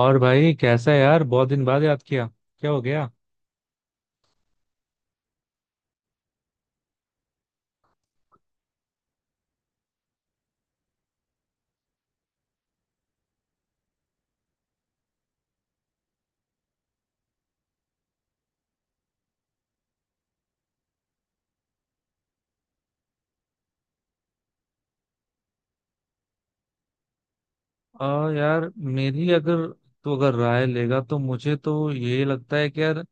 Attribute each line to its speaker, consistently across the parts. Speaker 1: और भाई कैसा है यार, बहुत दिन बाद याद किया। क्या हो गया। यार मेरी अगर तो अगर राय लेगा तो मुझे तो ये लगता है कि यार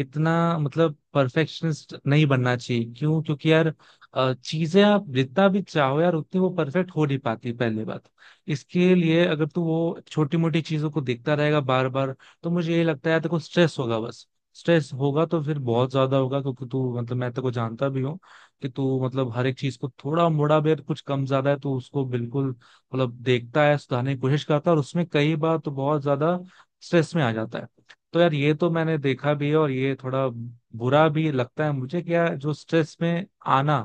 Speaker 1: इतना मतलब परफेक्शनिस्ट नहीं बनना चाहिए। क्यों? क्योंकि यार चीजें आप जितना भी चाहो यार उतनी वो परफेक्ट हो नहीं पाती। पहली बात, इसके लिए अगर तू वो छोटी मोटी चीजों को देखता रहेगा बार बार तो मुझे ये लगता है यार तेको स्ट्रेस होगा बस। स्ट्रेस होगा तो फिर बहुत ज्यादा होगा, क्योंकि तू मतलब मैं तेको जानता भी हूँ कि तू मतलब हर एक चीज को थोड़ा मोड़ा भी कुछ कम ज्यादा है तो उसको बिल्कुल मतलब देखता है, सुधारने की कोशिश करता है और उसमें कई बार तो बहुत ज्यादा स्ट्रेस में आ जाता है। तो यार ये तो मैंने देखा भी है और ये थोड़ा बुरा भी लगता है मुझे कि यार जो स्ट्रेस में आना,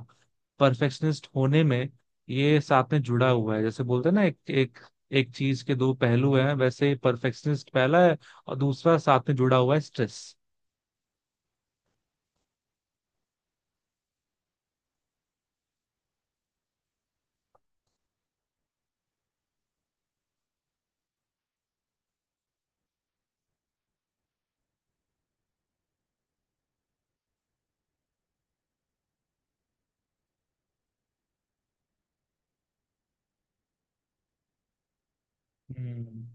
Speaker 1: परफेक्शनिस्ट होने में ये साथ में जुड़ा हुआ है। जैसे बोलते हैं ना, एक एक एक चीज के दो पहलू हैं, वैसे परफेक्शनिस्ट पहला है और दूसरा साथ में जुड़ा हुआ है स्ट्रेस। हम्म।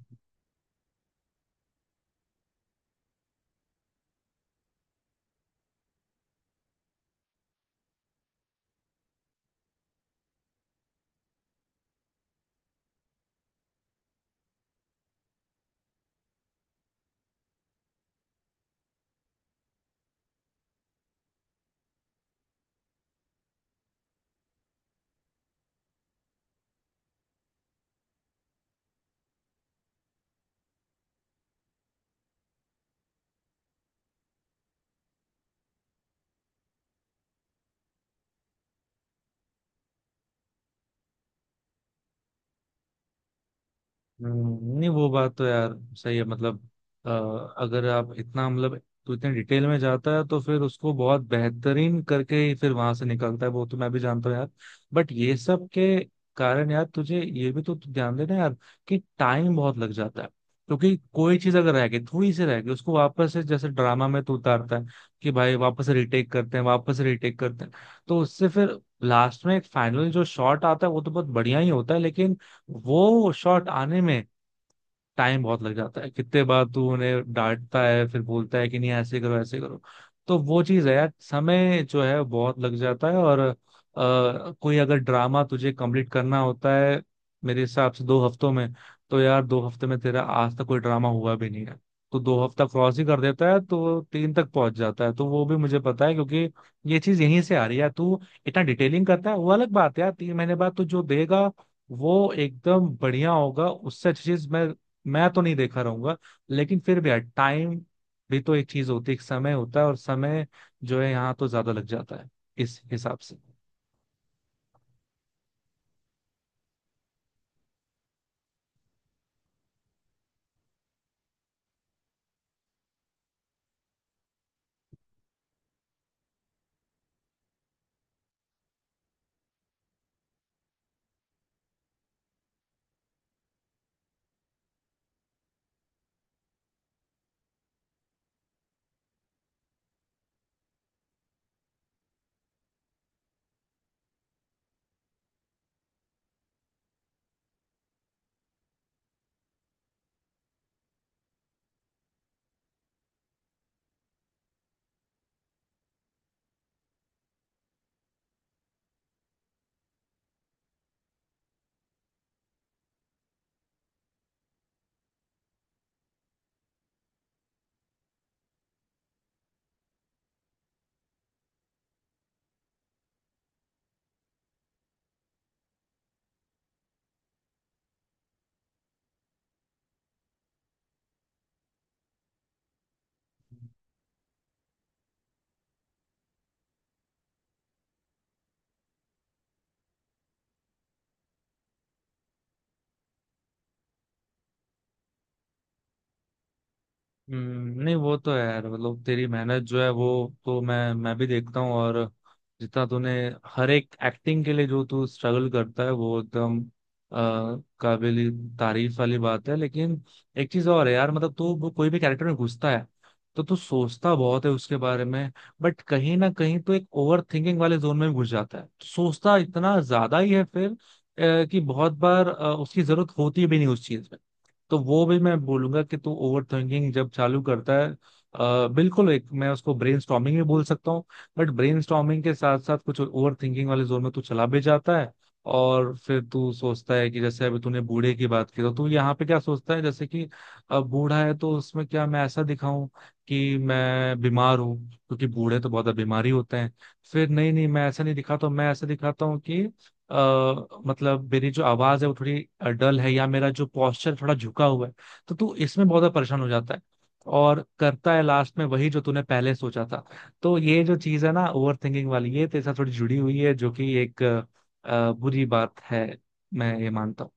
Speaker 1: नहीं वो बात तो यार सही है। मतलब अ, अगर आप इतना, मतलब तो इतने डिटेल में जाता है तो फिर उसको बहुत बेहतरीन करके ही फिर वहां से निकलता है, वो तो मैं भी जानता हूँ यार। बट ये सब के कारण यार तुझे ये भी तो ध्यान देना यार, कि टाइम बहुत लग जाता है। क्योंकि कोई चीज अगर रह गई, थोड़ी सी रह गई, उसको वापस से जैसे ड्रामा में तो उतारता है कि भाई वापस रिटेक करते हैं, वापस रिटेक करते हैं। तो उससे फिर लास्ट में एक फाइनल जो शॉट आता है वो तो बहुत बढ़िया ही होता है, लेकिन वो शॉट आने में टाइम बहुत लग जाता है, कितने बार तू उन्हें डांटता है, फिर बोलता है कि नहीं ऐसे करो ऐसे करो। तो वो चीज है यार, समय जो है बहुत लग जाता है। और कोई अगर ड्रामा तुझे कंप्लीट करना होता है मेरे हिसाब से 2 हफ्तों में, तो यार 2 हफ्ते में तेरा आज तक कोई ड्रामा हुआ भी नहीं है। तो 2 हफ्ता क्रॉस ही कर देता है तो तीन तक पहुंच जाता है, तो वो भी मुझे पता है क्योंकि ये चीज यहीं से आ रही है। तू इतना डिटेलिंग करता है वो अलग बात है यार, 3 महीने बाद तू जो देगा वो एकदम बढ़िया होगा, उससे अच्छी चीज मैं तो नहीं देखा रहूंगा। लेकिन फिर भी यार, टाइम भी तो एक चीज होती है, एक समय होता है और समय जो है यहाँ तो ज्यादा लग जाता है, इस हिसाब से। नहीं वो तो है यार मतलब, तेरी मेहनत जो है वो तो मैं भी देखता हूँ। और जितना तूने हर एक एक्टिंग के लिए जो तू स्ट्रगल करता है वो एकदम काबिल तारीफ वाली बात है। लेकिन एक चीज और है यार, मतलब तू वो कोई भी कैरेक्टर में घुसता है तो तू सोचता बहुत है उसके बारे में। बट कहीं ना कहीं तो एक ओवर थिंकिंग वाले जोन में भी घुस जाता है, तो सोचता इतना ज्यादा ही है फिर कि बहुत बार उसकी जरूरत होती भी नहीं उस चीज में। तो वो भी मैं बोलूंगा कि तू ओवर थिंकिंग जब चालू करता है, बिल्कुल, एक मैं उसको ब्रेन स्टॉर्मिंग भी बोल सकता हूँ। बट ब्रेन स्टॉर्मिंग के साथ साथ कुछ ओवर थिंकिंग वाले जोन में तू चला भी जाता है। और फिर तू सोचता है कि जैसे अभी तूने बूढ़े की बात की, तो तू यहाँ पे क्या सोचता है जैसे कि बूढ़ा है तो उसमें क्या मैं ऐसा दिखाऊं कि मैं बीमार हूँ, क्योंकि बूढ़े तो बहुत बीमारी होते हैं। फिर नहीं नहीं, मैं ऐसा नहीं दिखाता हूं, मैं ऐसा दिखाता हूँ कि मतलब मेरी जो आवाज है वो थोड़ी डल है, या मेरा जो पोस्चर थोड़ा झुका हुआ है। तो तू इसमें बहुत ज्यादा परेशान हो जाता है, और करता है लास्ट में वही जो तूने पहले सोचा था। तो ये जो चीज है ना, ओवर थिंकिंग वाली, ये तेरे साथ थोड़ी जुड़ी हुई है, जो कि एक बुरी बात है, मैं ये मानता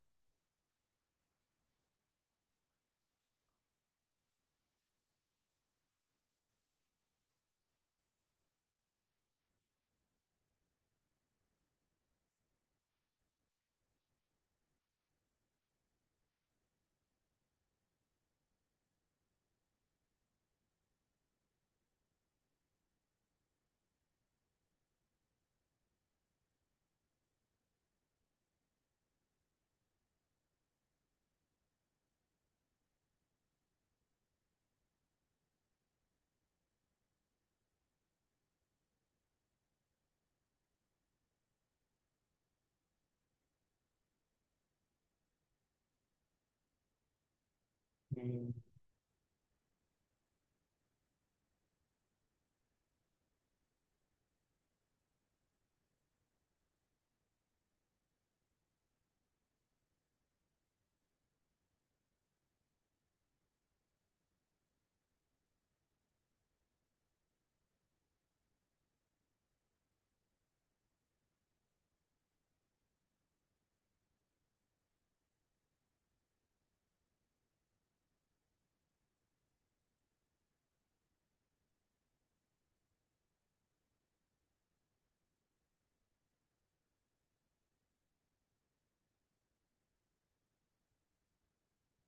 Speaker 1: हूँ।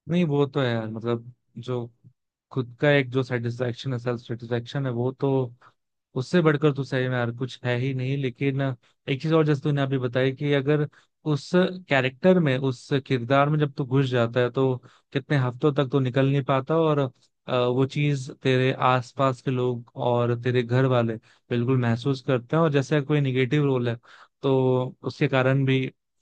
Speaker 1: नहीं वो तो है यार, मतलब जो खुद का एक जो सेटिस्फेक्शन है, सेल्फ सेटिस्फेक्शन है, वो तो उससे बढ़कर तो सही में यार कुछ है ही नहीं। लेकिन एक चीज और, जैसे तूने अभी बताई कि अगर उस कैरेक्टर में, उस किरदार में जब तू घुस जाता है तो कितने हफ्तों तक तो निकल नहीं पाता, और वो चीज तेरे आसपास के लोग और तेरे घर वाले बिल्कुल महसूस करते हैं। और जैसे कोई निगेटिव रोल है, तो उसके कारण भी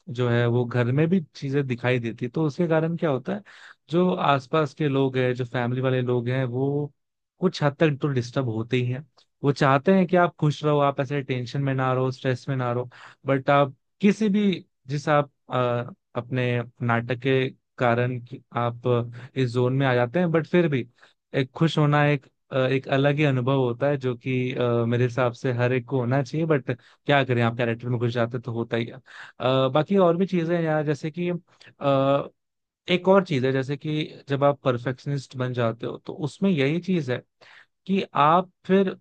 Speaker 1: जो है वो घर में भी चीजें दिखाई देती, तो उसके कारण क्या होता है, जो आसपास के लोग हैं, जो फैमिली वाले लोग हैं, वो कुछ हद तक तो डिस्टर्ब होते ही हैं। वो चाहते हैं कि आप खुश रहो, आप ऐसे टेंशन में ना रहो, स्ट्रेस में ना रहो। बट आप किसी भी, जिस आप अपने नाटक के कारण कि आप इस जोन में आ जाते हैं। बट फिर भी, एक खुश होना एक एक अलग ही अनुभव होता है, जो कि मेरे हिसाब से हर एक को होना चाहिए। बट क्या करें, आप कैरेक्टर में घुस जाते तो होता ही है। बाकी और भी चीजें हैं यार, जैसे कि अ, एक और चीज है जैसे कि जब आप परफेक्शनिस्ट बन जाते हो, तो उसमें यही चीज है कि आप फिर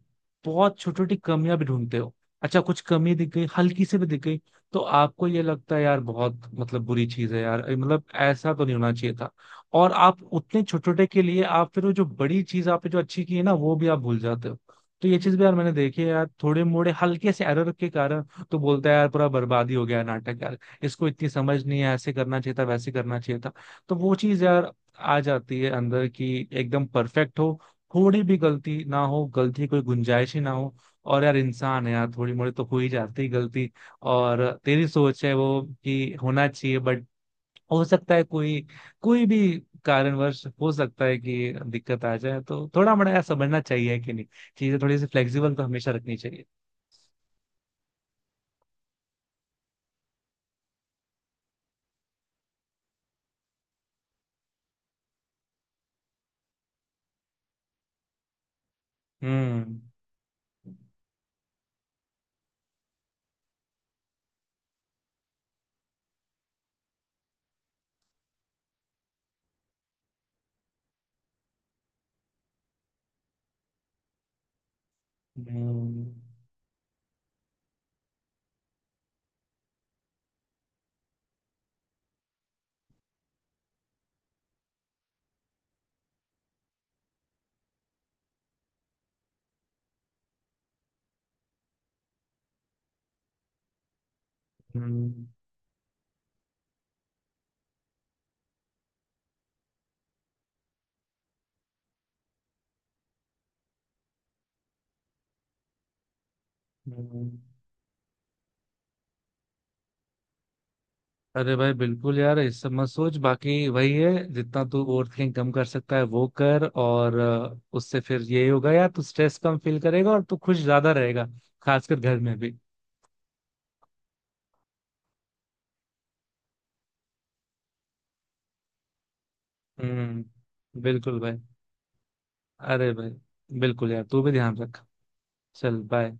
Speaker 1: बहुत छोटी छोटी कमियां भी ढूंढते हो। अच्छा कुछ कमी दिख गई, हल्की से भी दिख गई, तो आपको ये लगता है यार, बहुत मतलब बुरी चीज है यार ये, मतलब ऐसा तो नहीं होना चाहिए था। और आप उतने छोटे छोटे के लिए आप फिर वो जो बड़ी चीज आपने जो अच्छी की है ना, वो भी आप भूल जाते हो। तो ये चीज भी यार मैंने देखी है यार, थोड़े मोड़े हल्के से एरर के कारण तो बोलता है यार पूरा बर्बादी हो गया नाटक यार, इसको इतनी समझ नहीं है, ऐसे करना चाहिए था वैसे करना चाहिए था। तो वो चीज यार आ जाती है अंदर की, एकदम परफेक्ट हो, थोड़ी भी गलती ना हो, गलती की कोई गुंजाइश ही ना हो। और यार इंसान है यार, थोड़ी मोड़ी तो हो ही जाती है गलती। और तेरी सोच है वो कि होना चाहिए, बट हो सकता है कोई, कोई भी कारणवश हो सकता है कि दिक्कत आ जाए, तो थोड़ा मोड़ा यार समझना चाहिए कि नहीं, चीजें थोड़ी सी फ्लेक्सिबल तो हमेशा रखनी चाहिए। हम्म, हम्म, हम्म, हम्म। अरे भाई बिल्कुल यार, इस सब मत सोच। बाकी वही है, जितना तू ओवर थिंकिंग कम कर सकता है वो कर, और उससे फिर यही होगा यार, तू स्ट्रेस कम फील करेगा और तू खुश ज्यादा रहेगा, खासकर घर में भी। हम्म, बिल्कुल भाई। अरे भाई, बिल्कुल यार तू भी ध्यान रख। चल बाय।